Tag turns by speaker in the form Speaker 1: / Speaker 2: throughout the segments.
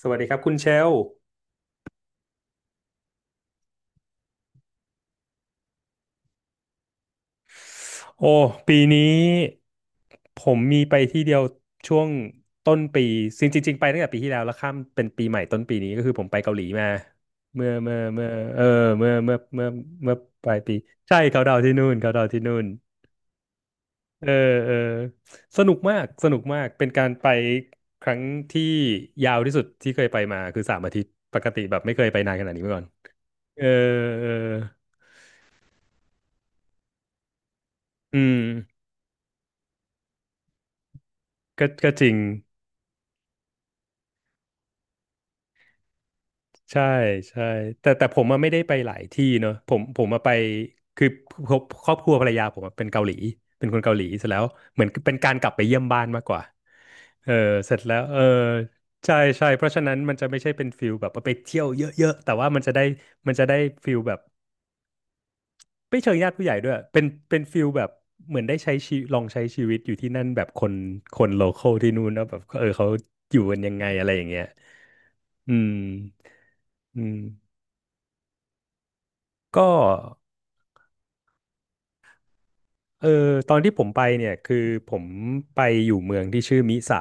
Speaker 1: สวัสดีครับคุณเชลล์โอ้ปีนี้ผมมีไปที่เดียวช่วงต้นปีจริงจริงๆไปตั้งแต่ปีที่แล้วแล้วข้ามเป็นปีใหม่ต้นปีนี้ก็คือผมไปเกาหลีมาเมื่อเออเมื่อเมื่อเมื่อเมื่อปลายปีใช่เขาดาวน์ที่นู่นเขาดาวน์ที่นู่นเออเออสนุกมากสนุกมากเป็นการไปครั้งที่ยาวที่สุดที่เคยไปมาคือ3 อาทิตย์ปกติแบบไม่เคยไปนานขนาดนี้มาก่อนเออเอออืมก็จริง ใช่ใช่แต่ผมอะไม่ได้ไปหลายที่เนอะผมมาไปคือครอบครัวภรรยาผมอะเป็นเกาหลีเป็นคนเกาหลีเสร็จแล้วเหมือนเป็นการกลับไปเยี่ยมบ้านมากกว่าเออเสร็จแล้วเออใช่ใช่เพราะฉะนั้นมันจะไม่ใช่เป็นฟิลแบบว่าไปเที่ยวเยอะๆแต่ว่ามันจะได้ฟิลแบบไม่เชิงญาติผู้ใหญ่ด้วยเป็นฟิลแบบเหมือนได้ใช้ชีลองใช้ชีวิตอยู่ที่นั่นแบบคนโลคอลที่นู่นแล้วแบบเออเขาอยู่กันยังไงอะไรอย่างเงี้ยอืมอืมก็ เออตอนที่ผมไปเนี่ยคือผมไปอยู่เมืองที่ชื่อมิสะ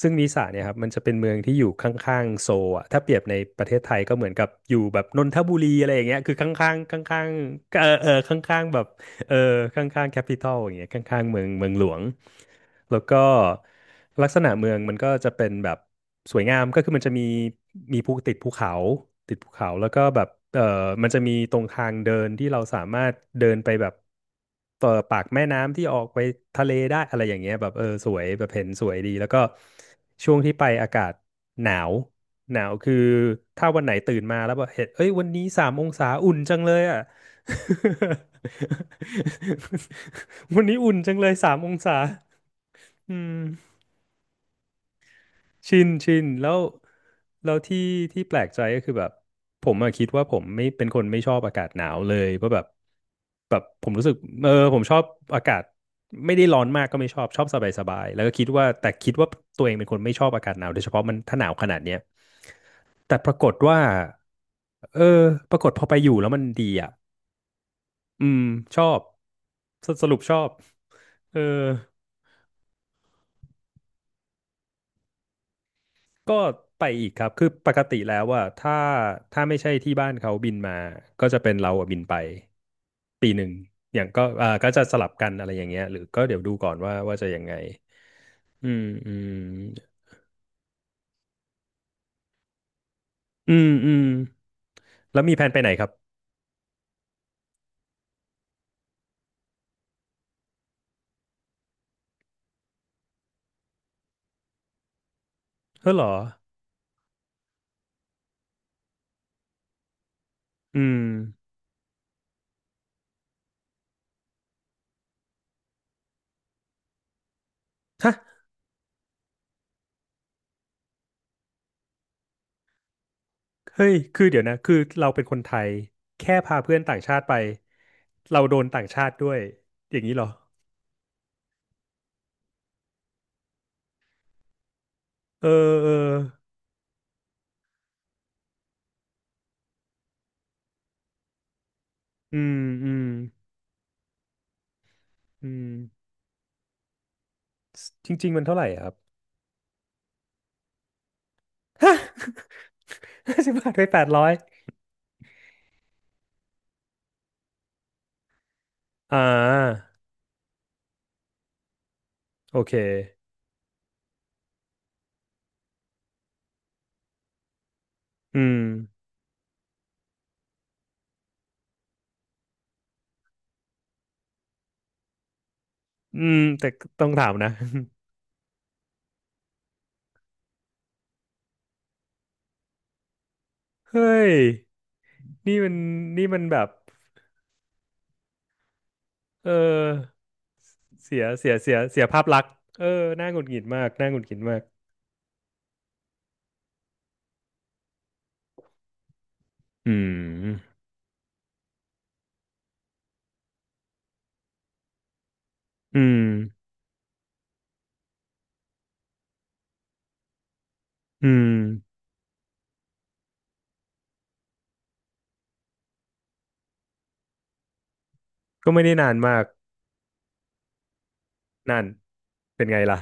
Speaker 1: ซึ่งมิสะเนี่ยครับมันจะเป็นเมืองที่อยู่ข้างๆโซลอ่ะถ้าเปรียบในประเทศไทยก็เหมือนกับอยู่แบบนนทบุรีอะไรอย่างเงี้ยคือข้างๆข้างๆเออเออข้างๆแบบ เออข้างๆแคปิตอลอย่างเงี้ยข้างๆเมืองหลวงแล้วก็ลักษณะเมืองมันก็จะเป็นแบบสวยงามก็คือมันจะมีติดภูเขาแล้วก็แบบเออมันจะมีตรงทางเดินที่เราสามารถเดินไปแบบต่อปากแม่น้ำที่ออกไปทะเลได้อะไรอย่างเงี้ยแบบเออสวยแบบเห็นสวยดีแล้วก็ช่วงที่ไปอากาศหนาวหนาวคือถ้าวันไหนตื่นมาแล้วแบบเห็นเอ้ยวันนี้สามองศาอุ่นจังเลยอ่ะ วันนี้อุ่นจังเลย3 องศาอืมชินแล้วแล้วที่ที่แปลกใจก็คือแบบผมอะคิดว่าผมไม่เป็นคนไม่ชอบอากาศหนาวเลยเพราะแบบผมรู้สึกเออผมชอบอากาศไม่ได้ร้อนมากก็ไม่ชอบชอบสบายสบายแล้วก็คิดว่าแต่คิดว่าตัวเองเป็นคนไม่ชอบอากาศหนาวโดยเฉพาะมันถ้าหนาวขนาดเนี้ยแต่ปรากฏว่าเออปรากฏพอไปอยู่แล้วมันดีอ่ะ อืมชอบสรุปชอบเออก็ไปอีกครับคือปกติแล้วว่าถ้าไม่ใช่ที่บ้านเขาบินมาก็จะเป็นเราอะบินไปปีหนึ่งอย่างก็อ่าก็จะสลับกันอะไรอย่างเงี้ยหรือก็เดี๋ยวดูก่อนว่าจะยังไงอืมอืมอืมอืมแล้วมีแผนไปไหนครับเออเหรออืมเฮ้ยคือเดี๋ยวนะคือเราเป็นคนไทยแค่พาเพื่อนต่างชาติไปเราโดนต่างชาติด้วยอย่างนี้เหรอเออเออ อืมอืมอืมจริงๆมันเท่าไหร่อะครับ ฮ50 บาทไป800อ่าโอเคอืมอืมแต่ต้องถามนะ เฮ้ยนี่มันนี่มันแบบเออเสียภาพลักษณ์เออน่าหงุดหงิดมากน่าหงุดหงิดมากอืมอืมอืมก็ไม่ได้นานมากนั่นเป็นไงล่ะ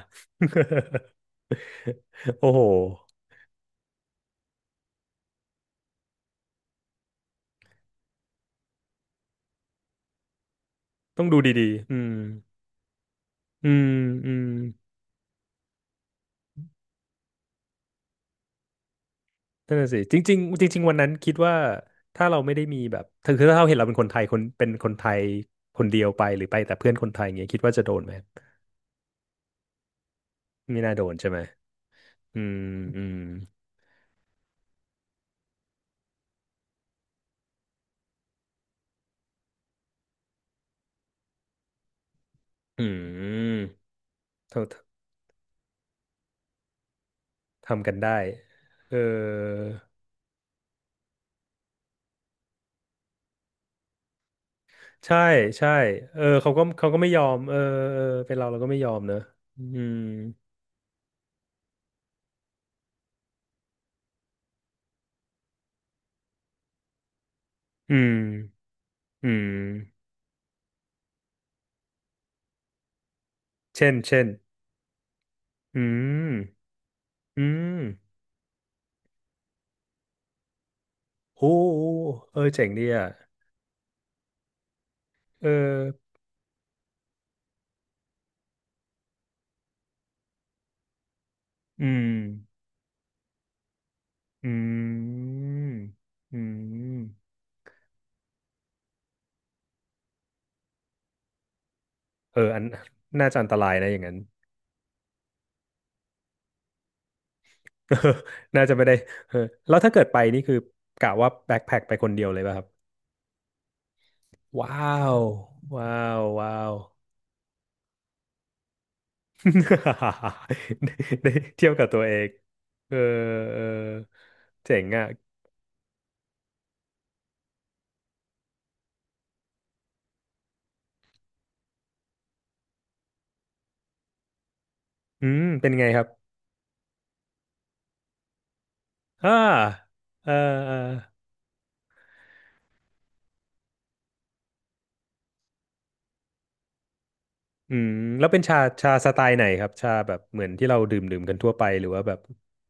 Speaker 1: โอ้โหต้องดูดีๆอืมอืมอืม นั่นน่ะสิจริงๆจริงๆวันนั้นคิดว่าถ้าเราไม่ได้มีแบบถึงคือถ้าเราเห็นเราเป็นคนไทยคนเป็นคนไทยคนเดียวไปหรือไปแต่เพื่อนคนไทยอย่างเงี้ยคิดว่าจะโดนไหมไม่น่าโดนใช่ไหมอืมอืมอืมทำทำกันได้เออใช่ใช่เออเขาก็ไม่ยอมเออเออเป็นเราก็ไม่ยอมเนอะอืมอืมอืมเช่นเช่นอืมอืมโอ้โอ้เออเจ๋งดีอ่ะเอออืม อืมอืมเอออันน่าจะอันตรายนะอย่างนั้น น่าจะไม่ได้เออแล้วถ้าเกิดไปนี่คือกะว่าแบ็คแพ็คไปคนเดียวเลยป่ะครับว้าวว้าวว้าว ได้เที่ยวกับตัวเองเออเออเจ๋งอ่ะอืมเป็นไงครับอ่าเออเอออืมแล้วเป็นชาสไตล์ไหนครับชาแบบเหมือนที่เราดื่มกันทั่วไปหรือว่าแบบ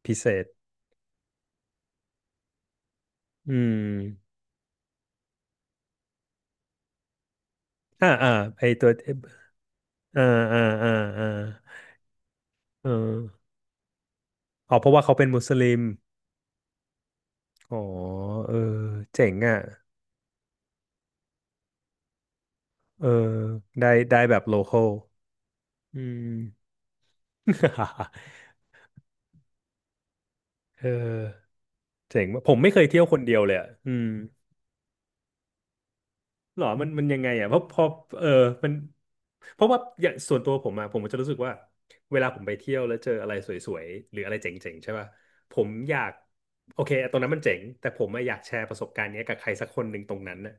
Speaker 1: พิเศษอืม อ่าอ่าไอตัวอ่าอ่าอ่าอ่าเอออ๋อเพราะว่าเขาเป็นมุสลิมอ๋อเออเจ๋งอ่ะเออได้แบบโลคอลอืม เออเจ๋งว่ะผมไม่เคยเที่ยวคนเดียวเลยอ่ะอืมหรอมันยังไงอ่ะเพราะพอเออมันเพราะว่าอย่างส่วนตัวผมอะผมจะรู้สึกว่าเวลาผมไปเที่ยวแล้วเจออะไรสวยๆหรืออะไรเจ๋งๆใช่ป่ะผมอยากโอเคตรงนั้นมันเจ๋งแต่ผมอะอยากแชร์ประสบการณ์เนี้ยกับใครสักคนหนึ่งตรงนั้นะ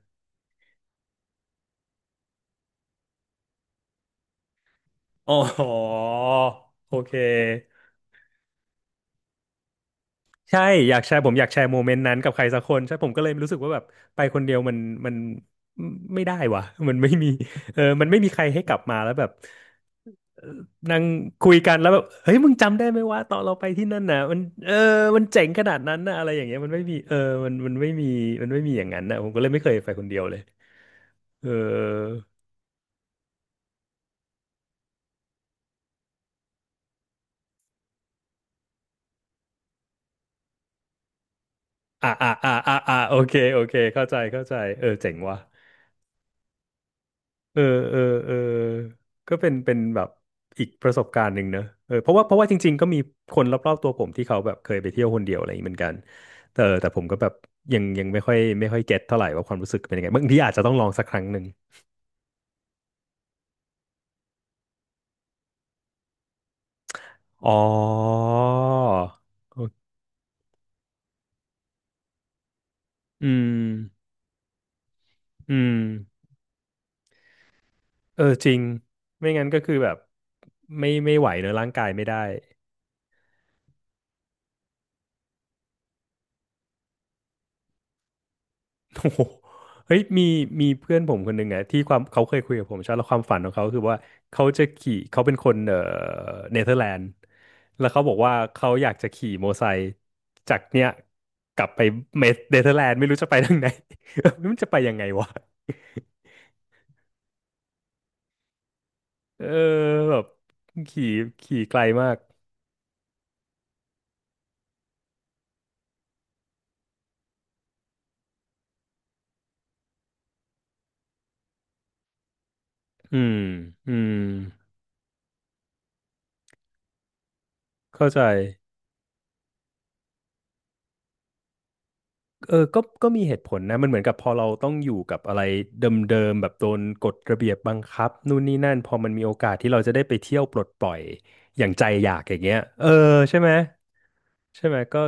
Speaker 1: อ๋อโอเคใช่อยากแชร์ผมอยากแชร์โมเมนต์นั้นกับใครสักคนใช่ผมก็เลยรู้สึกว่าแบบไปคนเดียวมันไม่ได้ว่ะ มันไม่มีเออมันไม่มีใครให้กลับมาแล้วแบบเอ่อนั่งคุยกันแล้วแบบเฮ้ยมึงจำได้ไหมว่าตอนเราไปที่นั่นน่ะมันเออมันเจ๋งขนาดนั้นน่ะอะไรอย่างเงี้ยมันไม่มีเออมันไม่มีมันไม่มีอย่างนั้นน่ะผมก็เลยไม่เคยไปคนเดียวเลยเอออ่ะอ่ะอ่ะอ่ะอ่ะโอเคโอเคเข้าใจเข้าใจเออเจ๋งว่ะ เออเออเออก็เป็นแบบอีกประสบการณ์หนึ่งเนอะเออเพราะว่าจริงๆก็มีคนรอบๆตัวผมที่เขาแบบเคยไปเที่ยวคนเดียวอะไรอย่างนี้เหมือนกันแต่ผมก็แบบยังไม่ค่อยเก็ตเท่าไหร่ว่าความรู้สึกเป็นยังไงบางทีอาจจะต้องลองสักครั้งหนึ่งอ๋อโอเคอืมอืมเออจริงไม่งั้นก็คือแบบไม่ไหวเนอะร่างกายไม่ได้ โอ้โหเฮ้ยมีเพื่อนผมคนหนึ่งอะที่ความเขาเคยคุยกับผมใช่ไหมแล้วความฝันของเขาคือว่าเขาจะขี่เขาเป็นคนเนเธอร์แลนด์แล้วเขาบอกว่าเขาอยากจะขี่มอไซค์จากเนี้ยกลับไปเมเนเธอร์แลนด์ไม่รู้จะไปทางไหน มันจะไปยังไงวะเออแบบขี่ขี่ไกลมากอืมอืมเข้าใจ เออก็มีเหตุผลนะมันเหมือนกับพอเราต้องอยู่กับอะไรเดิมๆแบบโดนกฎระเบียบบังคับนู่นนี่นั่นพอมันมีโอกาสที่เราจะได้ไปเที่ยวปลดปล่อยอย่างใจอยากอย่างเงี้ยเออใช่ไหมใช่ไหมก็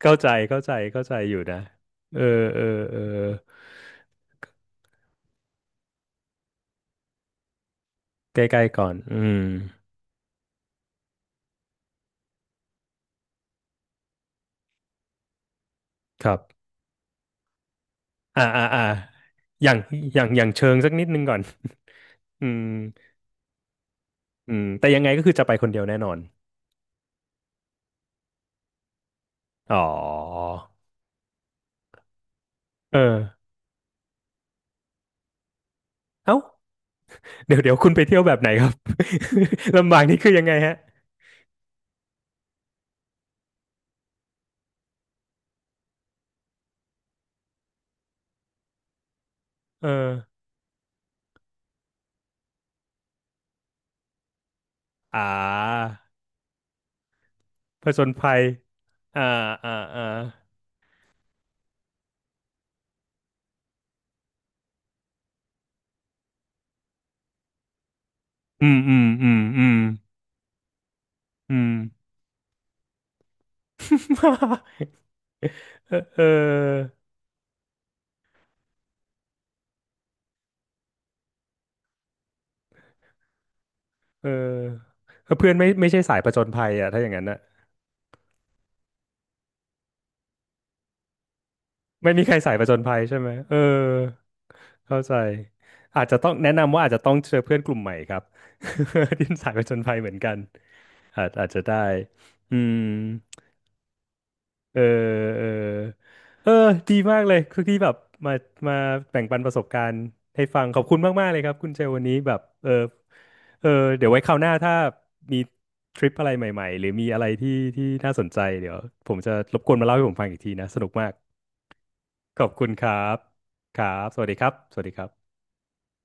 Speaker 1: เข้าใจเข้าใจเข้าใจอยู่นะเออเออเออใกล้ๆก่อนอืมครับอ่าอ่าอ่าอย่างอย่างอย่างเชิงสักนิดนึงก่อน อืมอืมแต่ยังไงก็คือจะไปคนเดียวแน่นอนอ๋อเออเอ้า เดี๋ยวเดี๋ยวคุณไปเที่ยวแบบไหนครับ ลำบากนี่คือยังไงฮะเอออ่าผจญภัยอ่าอ่าอ่าอืมอืมอืมอืมอืม เออเออเออเพื่อนไม่ใช่สายผจญภัยอ่ะถ้าอย่างนั้นน่ะไม่มีใครสายผจญภัยใช่ไหมเออเข้าใจอาจจะต้องแนะนำว่าอาจจะต้องเจอเพื่อนกลุ่มใหม่ครับ ที่สายผจญภัยเหมือนกันอาจจะได้อืม เออเออเออดีมากเลยคือที่แบบมามาแบ่งปันประสบการณ์ให้ฟัง ขอบคุณมากๆเลยครับ คุณเชลวันนี้แบบเออเออเดี๋ยวไว้คราวหน้าถ้ามีทริปอะไรใหม่ๆหรือมีอะไรที่น่าสนใจเดี๋ยวผมจะรบกวนมาเล่าให้ผมฟังอีกทีนะ สนุกมาก ขอบคุณครับครับสวัสดีครับสวัสดีครับ